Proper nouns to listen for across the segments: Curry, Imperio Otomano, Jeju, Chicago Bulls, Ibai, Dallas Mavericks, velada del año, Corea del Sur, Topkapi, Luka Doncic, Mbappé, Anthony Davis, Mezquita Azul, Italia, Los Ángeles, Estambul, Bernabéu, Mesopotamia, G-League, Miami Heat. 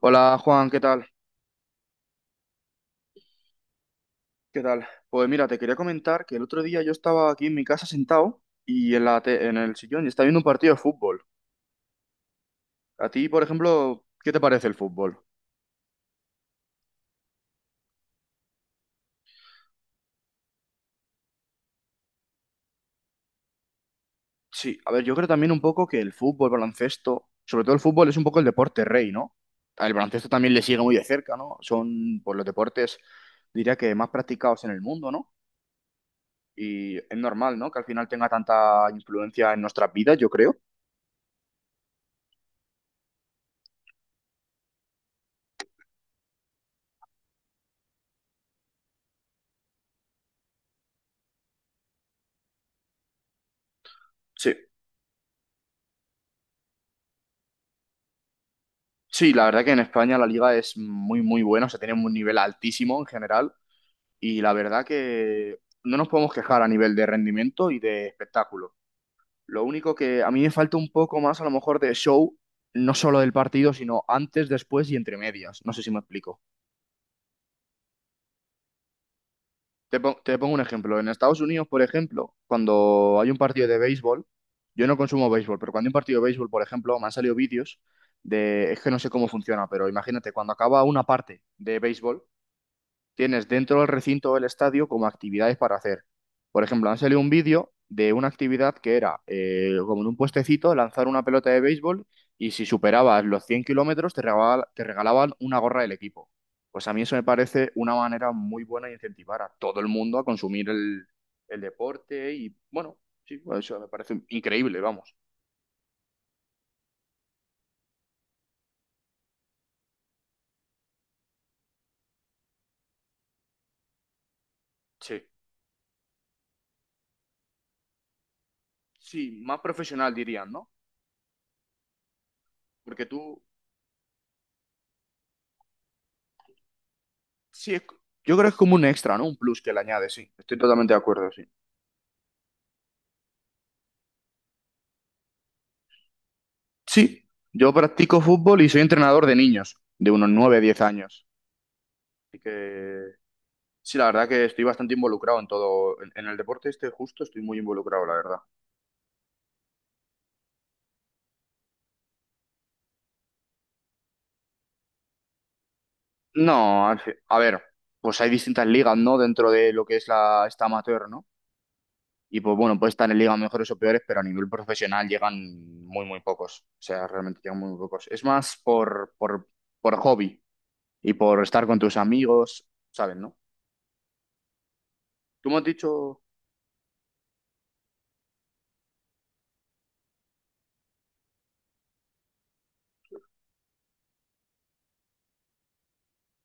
Hola Juan, ¿qué tal? ¿Qué tal? Pues mira, te quería comentar que el otro día yo estaba aquí en mi casa sentado y en el sillón y estaba viendo un partido de fútbol. A ti, por ejemplo, ¿qué te parece el fútbol? Sí, a ver, yo creo también un poco que el fútbol, baloncesto, sobre todo el fútbol es un poco el deporte rey, ¿no? El baloncesto también le sigue muy de cerca, ¿no? Son, pues, los deportes, diría que más practicados en el mundo, ¿no? Y es normal, ¿no? Que al final tenga tanta influencia en nuestras vidas, yo creo. Sí. Sí, la verdad que en España la liga es muy, muy buena, o sea, tiene un nivel altísimo en general y la verdad que no nos podemos quejar a nivel de rendimiento y de espectáculo. Lo único que a mí me falta un poco más a lo mejor de show, no solo del partido, sino antes, después y entre medias. No sé si me explico. Te pongo un ejemplo. En Estados Unidos, por ejemplo, cuando hay un partido de béisbol, yo no consumo béisbol, pero cuando hay un partido de béisbol, por ejemplo, me han salido vídeos de, es que no sé cómo funciona, pero imagínate, cuando acaba una parte de béisbol, tienes dentro del recinto del estadio como actividades para hacer. Por ejemplo, han salido un vídeo de una actividad que era como en un puestecito lanzar una pelota de béisbol y si superabas los 100 kilómetros te regalaban una gorra del equipo. Pues a mí eso me parece una manera muy buena de incentivar a todo el mundo a consumir el deporte y bueno, sí, pues eso me parece increíble, vamos. Sí, sí, más profesional dirían, ¿no? Porque tú, sí, es, yo creo que es como un extra, ¿no? Un plus que le añades. Sí. Estoy totalmente de acuerdo, sí. Sí, yo practico fútbol y soy entrenador de niños, de unos 9 10 años. Así que sí, la verdad que estoy bastante involucrado en todo, en el deporte este justo estoy muy involucrado, la verdad. No, a ver, pues hay distintas ligas, ¿no? Dentro de lo que es esta amateur, ¿no? Y pues bueno, puede estar en ligas mejores o peores, pero a nivel profesional llegan muy, muy pocos. O sea, realmente llegan muy, muy pocos. Es más por hobby y por estar con tus amigos, ¿sabes, no? Tú me has dicho...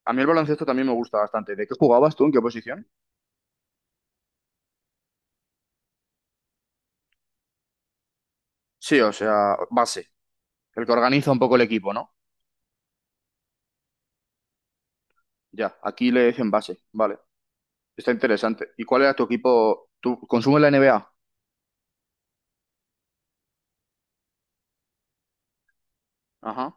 A mí el baloncesto también me gusta bastante. ¿De qué jugabas tú? ¿En qué posición? Sí, o sea, base. El que organiza un poco el equipo, ¿no? Ya, aquí le dicen base. Vale. Está interesante. ¿Y cuál era tu equipo? ¿Tú consumes la NBA? Ajá.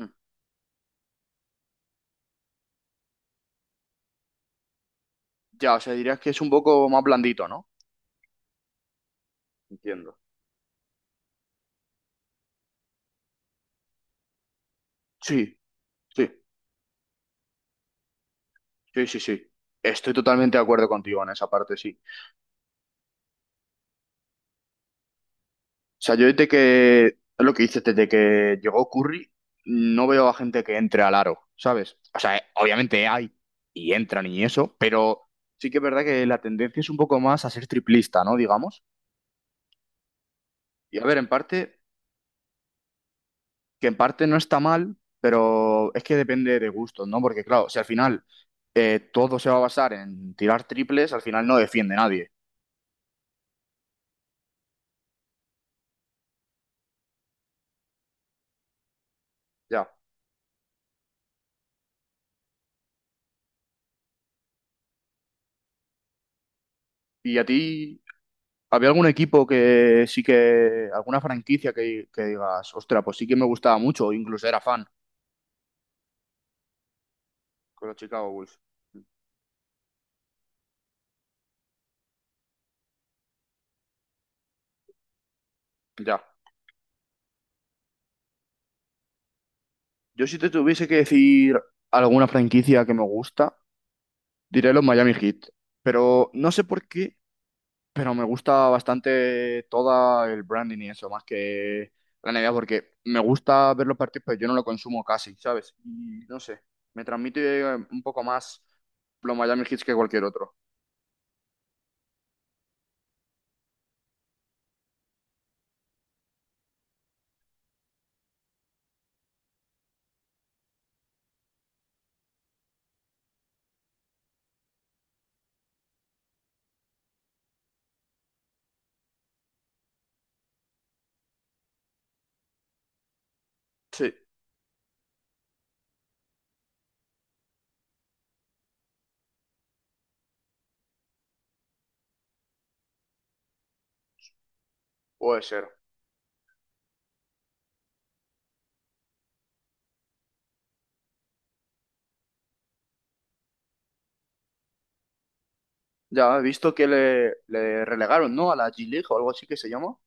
Mm. Ya, o sea, dirías que es un poco más blandito, ¿no? Entiendo. Sí, sí, sí, sí, sí. Estoy totalmente de acuerdo contigo en esa parte, sí. O sea, yo desde que, es lo que dices, desde que llegó Curry, no veo a gente que entre al aro, ¿sabes? O sea, obviamente hay y entran y eso, pero sí que es verdad que la tendencia es un poco más a ser triplista, ¿no? Digamos. Y a ver, en parte, que en parte no está mal, pero es que depende de gustos, ¿no? Porque claro, si al final todo se va a basar en tirar triples, al final no defiende nadie, ya. ¿Y a ti ¿Había algún equipo que sí que, alguna franquicia que digas, ostra, pues sí que me gustaba mucho, o incluso era fan con los Chicago Bulls? Ya. Yo si te tuviese que decir alguna franquicia que me gusta, diré los Miami Heat. Pero no sé por qué, pero me gusta bastante toda el branding y eso, más que la NBA, porque me gusta ver los partidos, pero yo no lo consumo casi, ¿sabes? Y no sé, me transmite un poco más los Miami Heat que cualquier otro. Sí, puede ser. Ya he visto que le relegaron, ¿no? A la G-League o algo así que se llama.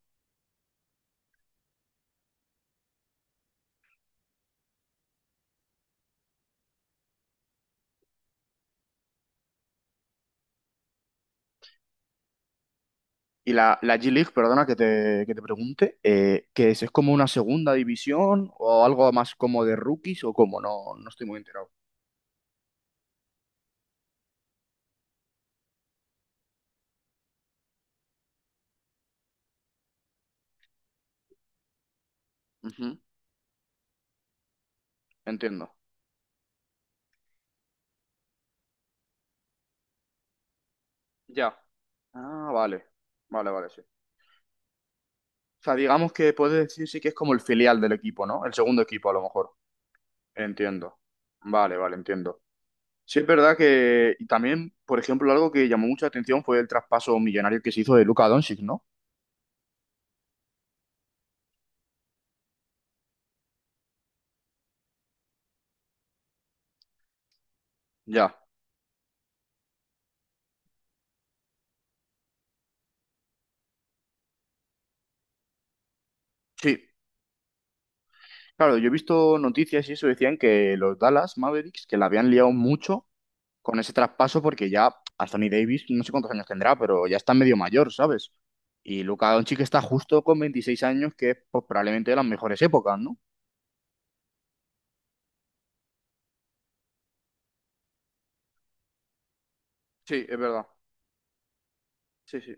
Y la G-League, perdona que te pregunte, ¿qué es? ¿Es como una segunda división o algo más como de rookies o cómo? No, no estoy muy enterado. Ujú. Entiendo. Ya. Ah, vale. Vale, vale, sí. O sea, digamos que puede decirse que es como el filial del equipo, ¿no? El segundo equipo, a lo mejor. Entiendo. Vale, vale, entiendo. Sí, es verdad que y también, por ejemplo, algo que llamó mucha atención fue el traspaso millonario que se hizo de Luka Doncic, ¿no? Ya. Sí, claro, yo he visto noticias y eso decían que los Dallas Mavericks, que la habían liado mucho con ese traspaso porque ya Anthony Davis, no sé cuántos años tendrá, pero ya está medio mayor, ¿sabes? Y Luka Doncic está justo con 26 años, que es pues, probablemente de las mejores épocas, ¿no? Sí, es verdad. Sí, sí.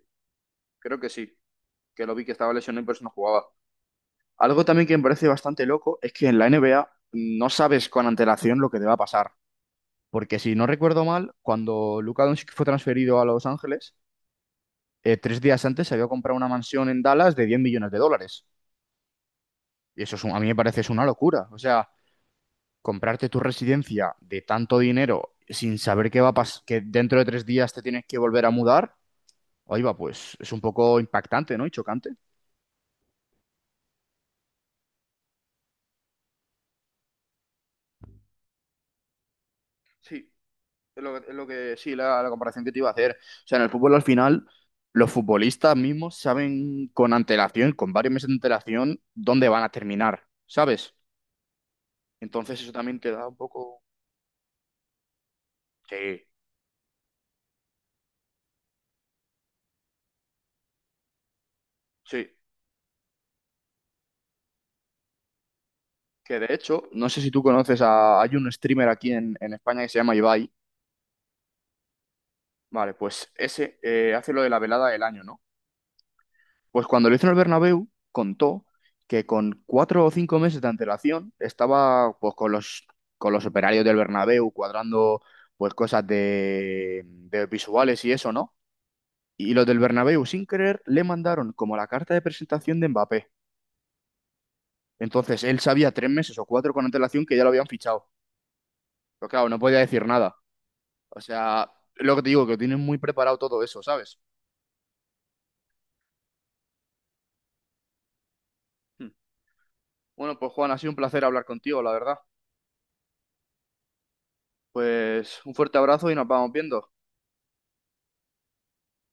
Creo que sí. Que lo vi que estaba lesionado y por eso no jugaba. Algo también que me parece bastante loco es que en la NBA no sabes con antelación lo que te va a pasar. Porque si no recuerdo mal, cuando Luka Doncic fue transferido a Los Ángeles, 3 días antes se había comprado una mansión en Dallas de 10 millones de dólares. Y eso es a mí me parece es una locura. O sea, comprarte tu residencia de tanto dinero sin saber qué va a pasar, que dentro de 3 días te tienes que volver a mudar, ahí va, pues es un poco impactante, ¿no? Y chocante. Sí, es lo que sí, la comparación que te iba a hacer. O sea, en el fútbol al final, los futbolistas mismos saben con antelación, con varios meses de antelación, dónde van a terminar, ¿sabes? Entonces eso también te da un poco... Sí, sí. Que de hecho, no sé si tú conoces a... Hay un streamer aquí en España que se llama Ibai. Vale, pues ese hace lo de la velada del año, ¿no? Pues cuando lo hizo en el Bernabéu, contó que con 4 o 5 meses de antelación estaba pues con los operarios del Bernabéu cuadrando pues cosas de visuales y eso, ¿no? Y los del Bernabéu, sin querer, le mandaron como la carta de presentación de Mbappé. Entonces él sabía 3 meses o 4 con antelación que ya lo habían fichado. Pero claro, no podía decir nada. O sea, lo que te digo, que tienen muy preparado todo eso, ¿sabes? Hmm. Bueno, pues Juan, ha sido un placer hablar contigo, la verdad. Pues un fuerte abrazo y nos vamos viendo.